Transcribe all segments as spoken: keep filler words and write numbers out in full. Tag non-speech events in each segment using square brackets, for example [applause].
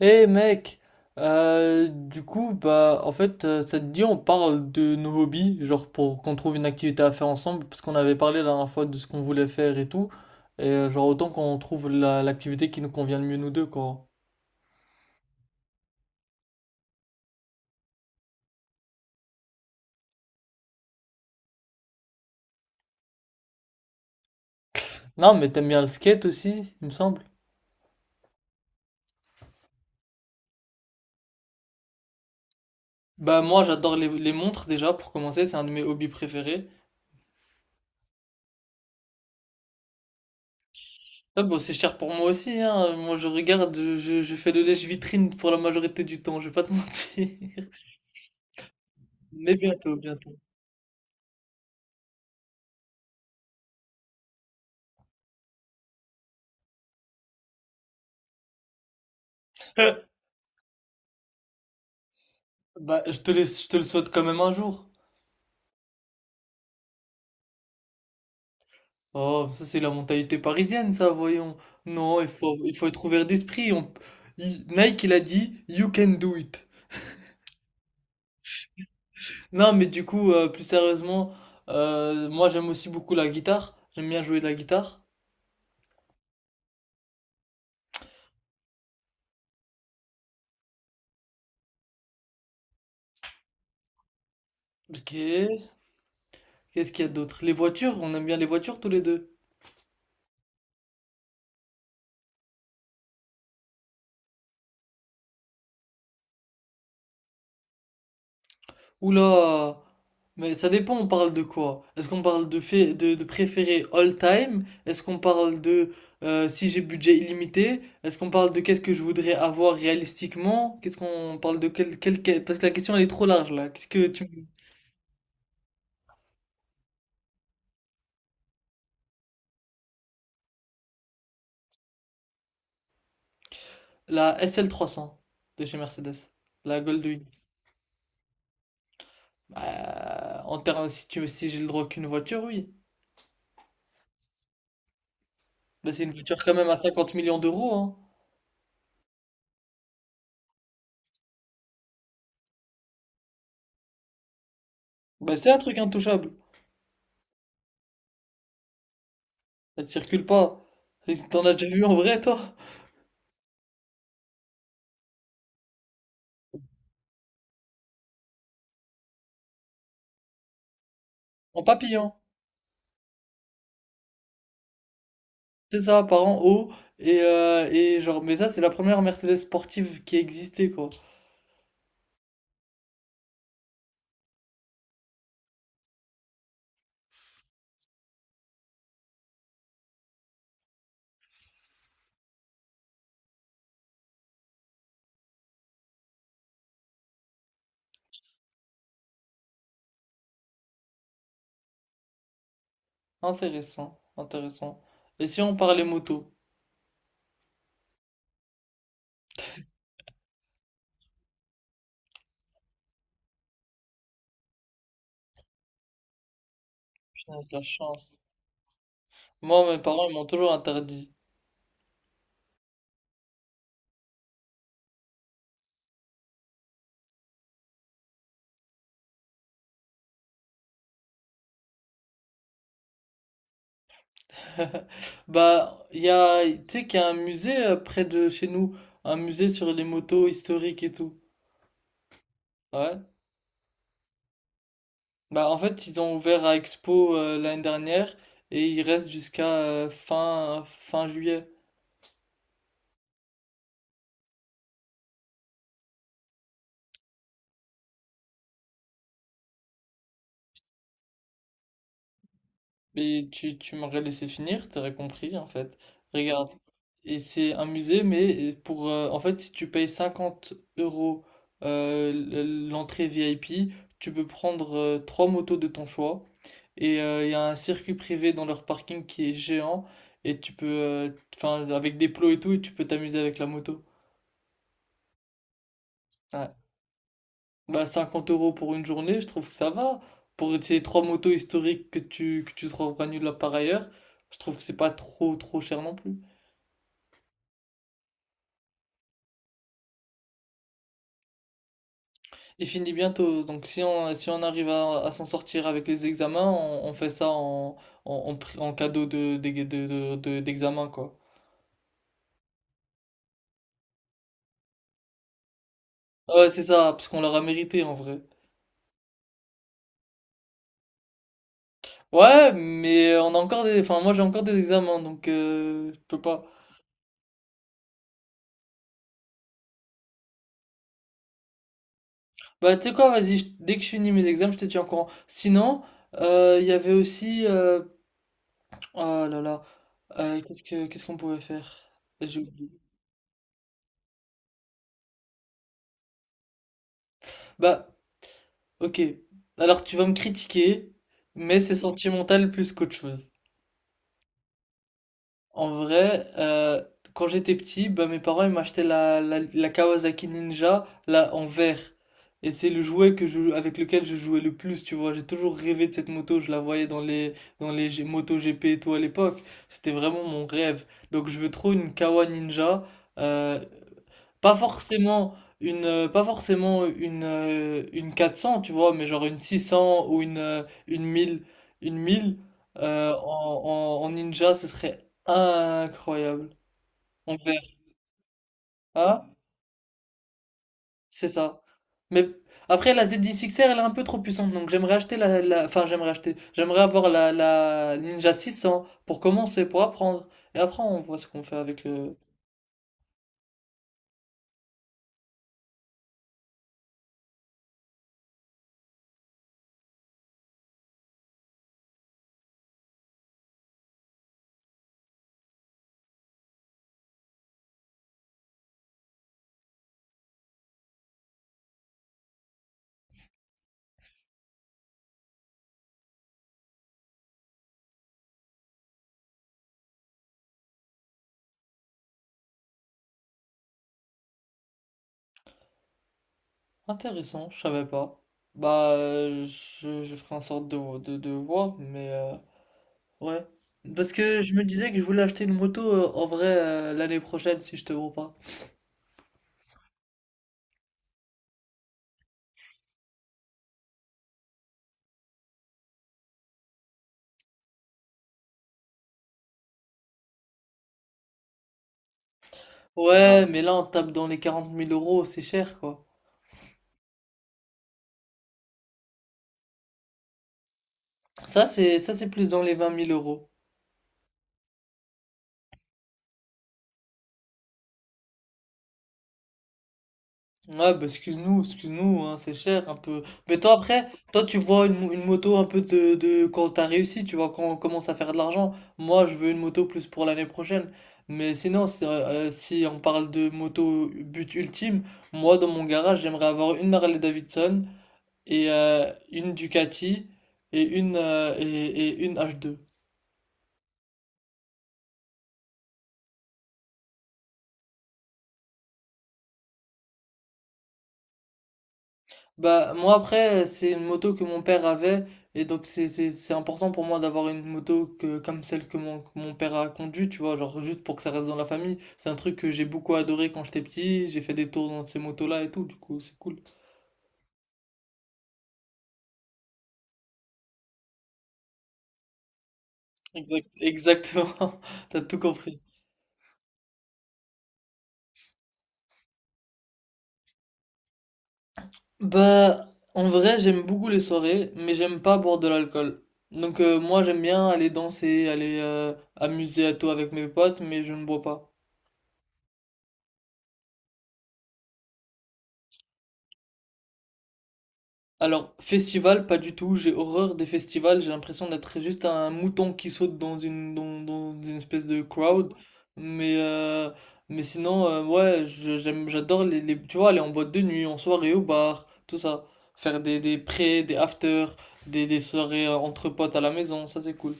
Eh mec, euh, du coup, bah, en fait, euh, ça te dit, on parle de nos hobbies, genre pour qu'on trouve une activité à faire ensemble, parce qu'on avait parlé la dernière fois de ce qu'on voulait faire et tout, et euh, genre autant qu'on trouve la- l'activité qui nous convient le mieux nous deux, quoi. Non, mais t'aimes bien le skate aussi, il me semble. Bah moi, j'adore les, les montres déjà, pour commencer, c'est un de mes hobbies préférés. Là, bon, c'est cher pour moi aussi, hein. Moi, je regarde, je, je je fais le lèche-vitrine pour la majorité du temps, je vais pas te [laughs] mentir. Mais bientôt, bientôt. [laughs] Bah, je te laisse, je te le souhaite quand même un jour. Oh, ça c'est la mentalité parisienne, ça, voyons. Non, il faut, il faut être ouvert d'esprit. On- il- Nike, il a dit, You can do it. Non, mais du coup, euh, plus sérieusement, euh, moi j'aime aussi beaucoup la guitare. J'aime bien jouer de la guitare. Ok. Qu'est-ce qu'il y a d'autre? Les voitures, on aime bien les voitures tous les deux. Oula! Mais ça dépend, on parle de quoi? Est-ce qu'on parle de, fait, de, de préféré all time? Est-ce qu'on parle de euh, si j'ai budget illimité? Est-ce qu'on parle de qu'est-ce que je voudrais avoir réalistiquement? Qu'est-ce qu'on parle de quel, quel, quel- Parce que la question elle est trop large là. Qu'est-ce que tu... me- La sl cents de chez Mercedes. La Goldwing. Bah, en termes, si tu, si j'ai le droit qu'une voiture, oui. Bah, c'est une voiture quand même à cinquante millions d'euros, hein. Bah, c'est un truc intouchable. Elle circule pas. T'en as déjà vu en vrai, toi? En papillon, c'est ça, par en haut. Et, euh, et genre, mais ça, c'est la première Mercedes sportive qui existait, quoi. Intéressant, intéressant. Et si on parlait moto? Putain, de la chance. Moi, mes parents, ils m'ont toujours interdit. [laughs] Bah, il y a, tu sais qu'il y a un musée euh, près de chez nous, un musée sur les motos historiques et tout. Ouais. Bah, en fait, ils ont ouvert à Expo euh, l'année dernière et il reste jusqu'à euh, fin, fin juillet. Mais tu, tu m'aurais laissé finir, t'aurais compris en fait. Regarde, et c'est un musée, mais pour euh, en fait, si tu payes cinquante euros euh, l- l'entrée V I P, tu peux prendre euh, trois motos de ton choix. Et euh, il y a un circuit privé dans leur parking qui est géant. Et tu peux, euh, enfin, avec des plots et tout, et tu peux t'amuser avec la moto. Ouais. Bah, cinquante euros pour une journée, je trouve que ça va. Pour ces trois motos historiques que tu, que tu trouveras nulle part ailleurs, je trouve que c'est pas trop, trop cher non plus. Il finit bientôt, donc si on, si on arrive à, à s'en sortir avec les examens, on, on fait ça en, en, en pri- en cadeau de, de, de- de- de- d'examen, quoi. Ouais, c'est ça, parce qu'on l'aura mérité en vrai. Ouais, mais on a encore des... Enfin, moi j'ai encore des examens, donc euh, je peux pas. Bah, tu sais quoi, vas-y, je- dès que je finis mes examens, je te tiens au courant. Sinon, euh, il y avait aussi... Euh... Oh là là, euh, qu'est-ce que, qu'est-ce qu'on pouvait faire? J'ai oublié. Bah, Ok, alors tu vas me critiquer, mais c'est sentimental plus qu'autre chose. En vrai, euh, quand j'étais petit, bah, mes parents ils m'achetaient la, la, la Kawasaki Ninja là, en vert. Et c'est le jouet que je, avec lequel je jouais le plus, tu vois. J'ai toujours rêvé de cette moto, je la voyais dans les, dans les G- motos G P et tout à l'époque. C'était vraiment mon rêve. Donc je veux trop une Kawa Ninja. Euh, pas forcément une, heu, pas forcément une, heu, une quatre cents tu vois? Mais genre une six cents ou une, heu, une mille. Une mille heu, en en en ninja, ce serait incroyable. En vert. Ah, c'est ça. Mais après la Z dix X r elle est un peu trop puissante, donc j'aimerais acheter la la enfin j'aimerais acheter, j'aimerais avoir la la Ninja six cents pour commencer, pour apprendre et après on voit ce qu'on fait avec le. Intéressant, je savais pas. Bah, euh, je, je ferai en sorte de, de, de voir, mais euh, ouais. Parce que je me disais que je voulais acheter une moto euh, en vrai euh, l'année prochaine si je te vois pas. Ouais, mais là on tape dans les quarante mille euros, c'est cher quoi. Ça c'est ça c'est plus dans les vingt mille euros. Ouais, bah excuse-nous, excuse-nous, hein, c'est cher un peu. Mais toi après, toi tu vois une, mo- une moto un peu de, de quand t'as réussi, tu vois, quand on commence à faire de l'argent. Moi, je veux une moto plus pour l'année prochaine. Mais sinon, c'est, euh, si on parle de moto but ultime, moi dans mon garage, j'aimerais avoir une Harley Davidson et euh, une Ducati et une, euh, et, et une h deux. Bah, moi après, c'est une moto que mon père avait, et donc c'est c'est- c'est important pour moi d'avoir une moto que, comme celle que mon, que mon père a conduite, tu vois, genre juste pour que ça reste dans la famille. C'est un truc que j'ai beaucoup adoré quand j'étais petit, j'ai fait des tours dans ces motos-là et tout, du coup c'est cool. Exact, exactement, [laughs] t'as tout compris. Bah, en vrai, j'aime beaucoup les soirées, mais j'aime pas boire de l'alcool. Donc euh, moi j'aime bien aller danser, aller euh, amuser à tout avec mes potes, mais je ne bois pas. Alors, festival, pas du tout. J'ai horreur des festivals. J'ai l'impression d'être juste un mouton qui saute dans une, dans, dans une espèce de crowd. Mais, euh, mais sinon, euh, ouais, je- j'aime, j'adore les, les- tu vois, aller en boîte de nuit, en soirée au bar, tout ça. Faire des, des pré, des after, des, des soirées euh, entre potes à la maison, ça c'est cool.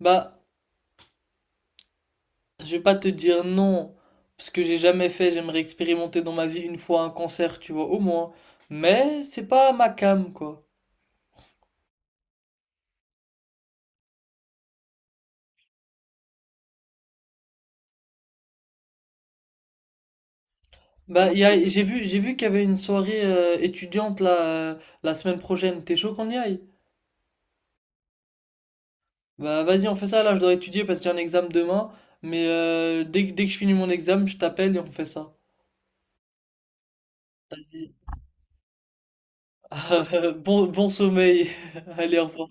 Bah, je vais pas te dire non, parce que j'ai jamais fait. J'aimerais expérimenter dans ma vie une fois un concert, tu vois, au moins. Mais c'est pas ma cam, quoi. Bah, il y a- j'ai vu, j'ai vu qu'il y avait une soirée euh, étudiante là, euh, la semaine prochaine. T'es chaud qu'on y aille? Bah, vas-y, on fait ça. Là, je dois étudier parce que j'ai un examen demain. Mais euh, dès, que- dès que je finis mon examen, je t'appelle et on fait ça. Vas-y. [laughs] Bon, bon sommeil. [laughs] Allez, au revoir.